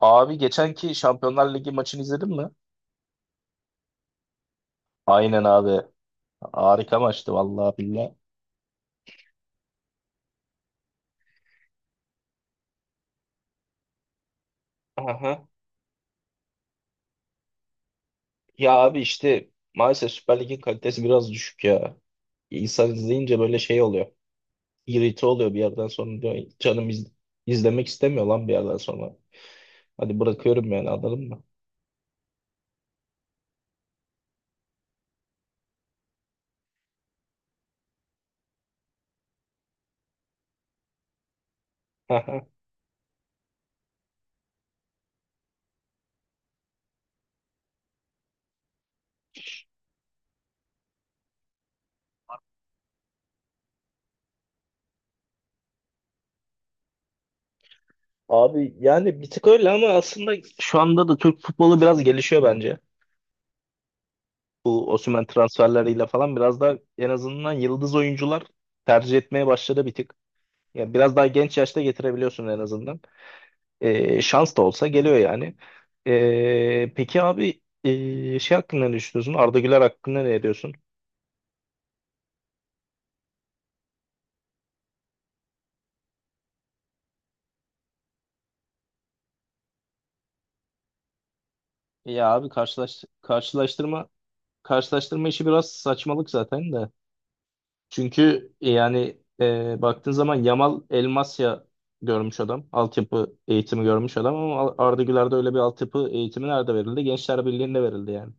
Abi geçenki Şampiyonlar Ligi maçını izledin mi? Aynen abi. Harika maçtı vallahi billahi. Aha. Ya abi işte maalesef Süper Lig'in kalitesi biraz düşük ya. İnsan izleyince böyle şey oluyor. İrite oluyor bir yerden sonra diyor. Canım izlemek istemiyor lan bir yerden sonra. Hadi bırakıyorum yani anladın mı? Aha. Abi yani bir tık öyle ama aslında şu anda da Türk futbolu biraz gelişiyor bence. Bu Osimhen transferleriyle falan biraz da en azından yıldız oyuncular tercih etmeye başladı bir tık. Ya biraz daha genç yaşta getirebiliyorsun en azından. Şans da olsa geliyor yani. Peki abi şey hakkında ne düşünüyorsun? Arda Güler hakkında ne diyorsun? Ya abi karşılaştırma işi biraz saçmalık zaten de. Çünkü yani baktığın zaman Yamal Elmasya görmüş adam. Altyapı eğitimi görmüş adam ama Arda Güler'de öyle bir altyapı eğitimi nerede verildi? Gençler Birliği'nde verildi yani.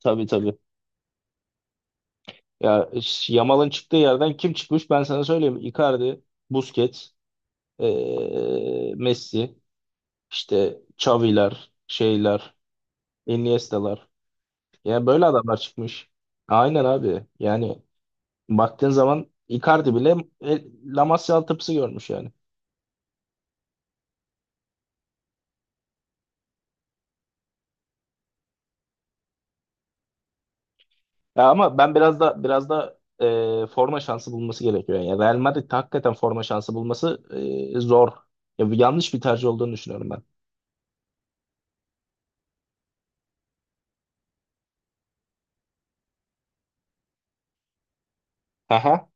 Tabii tabii. Ya Yamal'ın çıktığı yerden kim çıkmış ben sana söyleyeyim. Icardi, Busquets, Messi, işte Xavi'ler, şeyler, Iniesta'lar. Yani böyle adamlar çıkmış. Aynen abi. Yani baktığın zaman Icardi bile La Masia altyapısı görmüş yani. Ya ama ben biraz da biraz da forma şansı bulması gerekiyor. Yani Real Madrid hakikaten forma şansı bulması zor. Ya, bu yanlış bir tercih olduğunu düşünüyorum ben. Aha.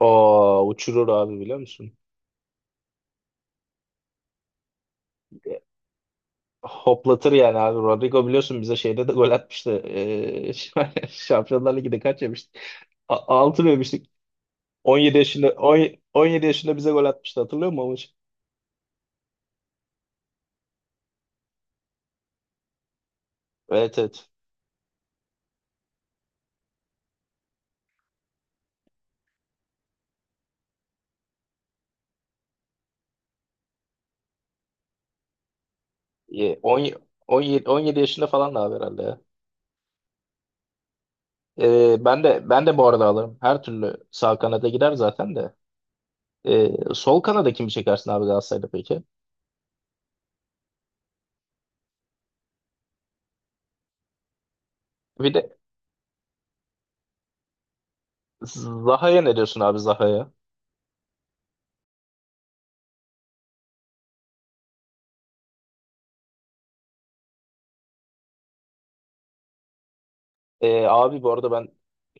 O uçurur abi biliyor musun? Hoplatır yani abi. Rodrigo biliyorsun bize şeyde de gol atmıştı. Şampiyonlar Ligi'nde kaç yemiştik? Altı 6 mı yemiştik? 17 yaşında 17 yaşında bize gol atmıştı hatırlıyor musun o maçı? Evet evet. Ye- on- 17 17 yaşında falan da abi herhalde ya. Ben de bu arada alırım. Her türlü sağ kanada gider zaten de. Sol kanada kimi çekersin abi Galatasaray'da peki? Bir de Zaha'ya ne diyorsun abi Zaha'ya? Abi bu arada ben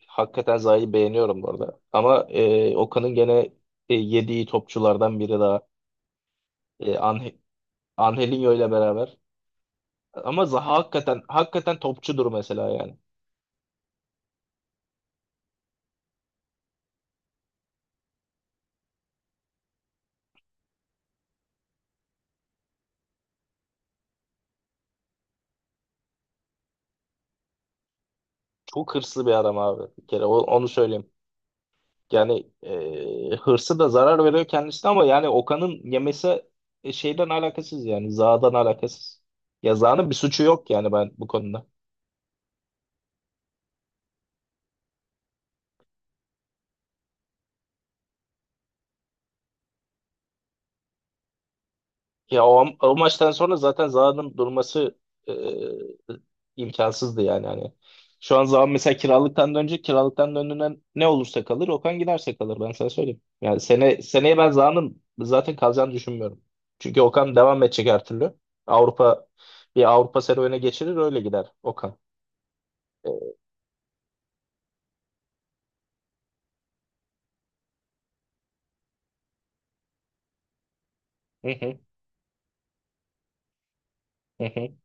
hakikaten Zaha'yı beğeniyorum bu arada. Ama Okan'ın gene yediği topçulardan biri daha. E, Ange- Angelinho ile beraber. Ama Zaha hakikaten hakikaten topçudur mesela yani. Çok hırslı bir adam abi. Bir kere onu söyleyeyim. Yani hırsı da zarar veriyor kendisine ama yani Okan'ın yemesi şeyden alakasız yani. Zaha'dan alakasız. Ya Zaha'nın bir suçu yok yani ben bu konuda. Ya o maçtan sonra zaten Zaha'nın durması e, imkansızdı yani hani. Şu an Zaha mesela kiralıktan dönecek. Kiralıktan döndüğünden ne olursa kalır. Okan giderse kalır ben sana söyleyeyim. Yani seneye ben Zaha'nın zaten kalacağını düşünmüyorum. Çünkü Okan devam edecek her türlü. Avrupa bir Avrupa serüvene geçirir öyle gider Okan. Hı hı, hı hı.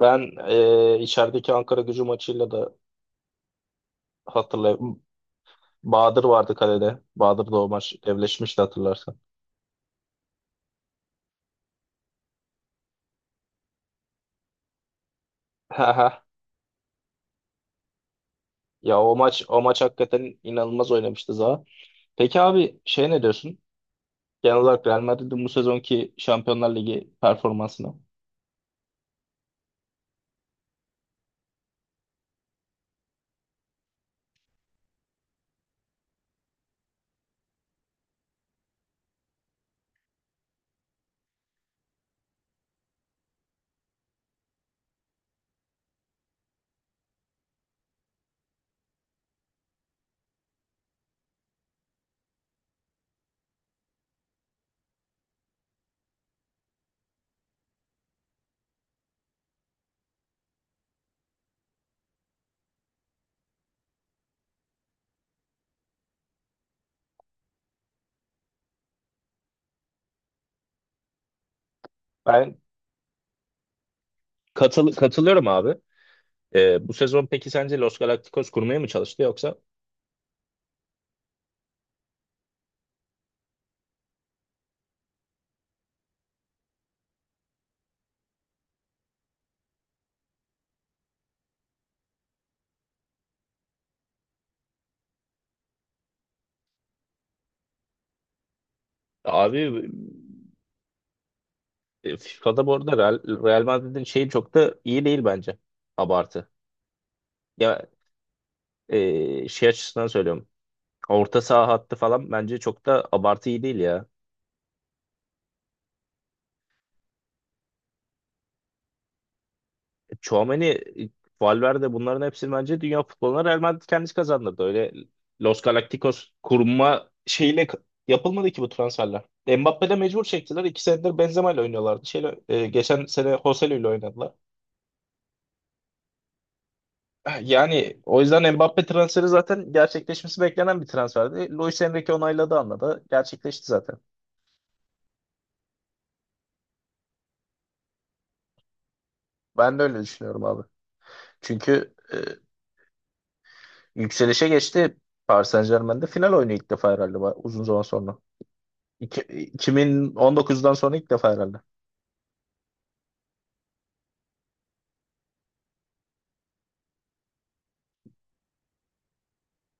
Ben içerideki Ankara Gücü maçıyla da hatırlayayım. Bahadır vardı kalede. Bahadır da o maç evleşmişti hatırlarsan. Ya o maç hakikaten inanılmaz oynamıştı Zaha. Peki abi şey ne diyorsun? Genel olarak Real Madrid'in bu sezonki Şampiyonlar Ligi performansına. Ben katılıyorum abi. Bu sezon peki sence Los Galacticos kurmaya mı çalıştı yoksa abi FIFA'da bu arada Real Madrid'in şeyi çok da iyi değil bence. Abartı. Ya şey açısından söylüyorum. Orta saha hattı falan bence çok da abartı iyi değil ya. Tchouaméni, Valverde bunların hepsini bence dünya futboluna Real Madrid kendisi kazandırdı. Öyle Los Galacticos kurma şeyiyle yapılmadı ki bu transferler. Mbappe de mecbur çektiler. İki senedir Benzema ile oynuyorlardı. Şeyle, geçen sene Joselu ile oynadılar. Yani o yüzden Mbappe transferi zaten gerçekleşmesi beklenen bir transferdi. Luis Enrique onayladı anladı. Gerçekleşti zaten. Ben de öyle düşünüyorum abi. Çünkü yükselişe geçti. Paris Saint-Germain'de final oynuyor ilk defa herhalde uzun zaman sonra. 2019'dan sonra ilk defa herhalde.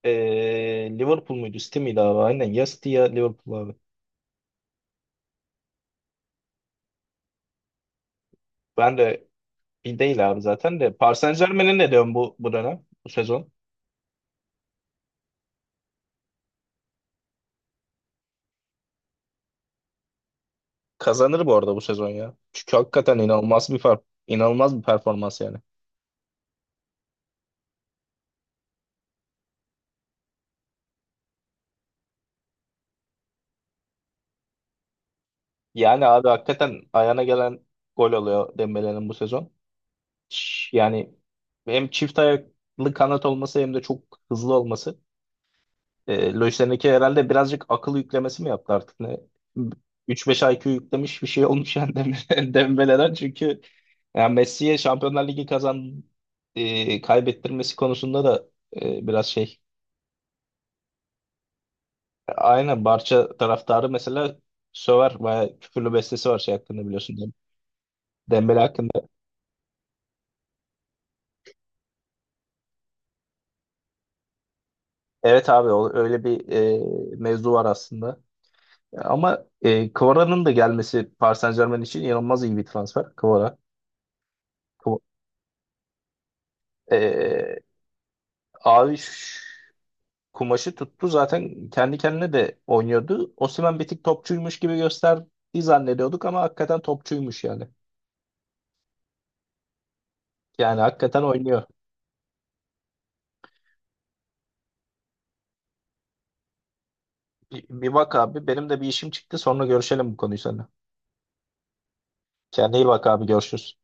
Liverpool muydu? City miydi abi? Aynen. Ya City ya Liverpool abi. Ben de bir değil abi zaten de. Paris Saint-Germain'e ne diyorsun bu dönem? Bu sezon? Kazanır bu arada bu sezon ya. Çünkü hakikaten inanılmaz bir fark. İnanılmaz bir performans yani. Yani abi hakikaten ayağına gelen gol oluyor Dembele'nin bu sezon. Yani hem çift ayaklı kanat olması hem de çok hızlı olması. Lojisten'deki herhalde birazcık akıl yüklemesi mi yaptı artık ne? 3-5 IQ yüklemiş bir şey olmuş yani Dembele'den çünkü yani Messi'ye Şampiyonlar Ligi kaybettirmesi konusunda da biraz şey. Aynen Barça taraftarı mesela söver bayağı küfürlü bestesi var şey hakkında biliyorsun Dembele hakkında. Evet abi öyle bir mevzu var aslında. Ama Kvara'nın da gelmesi Paris Saint-Germain için inanılmaz iyi bir transfer. Kvara. Kva- E, Abi kumaşı tuttu zaten kendi kendine de oynuyordu. Osimhen bir tık topçuymuş gibi gösterdiği zannediyorduk ama hakikaten topçuymuş yani. Yani hakikaten oynuyor. Bir bak abi benim de bir işim çıktı sonra görüşelim bu konuyu seninle. Kendine iyi bak abi görüşürüz.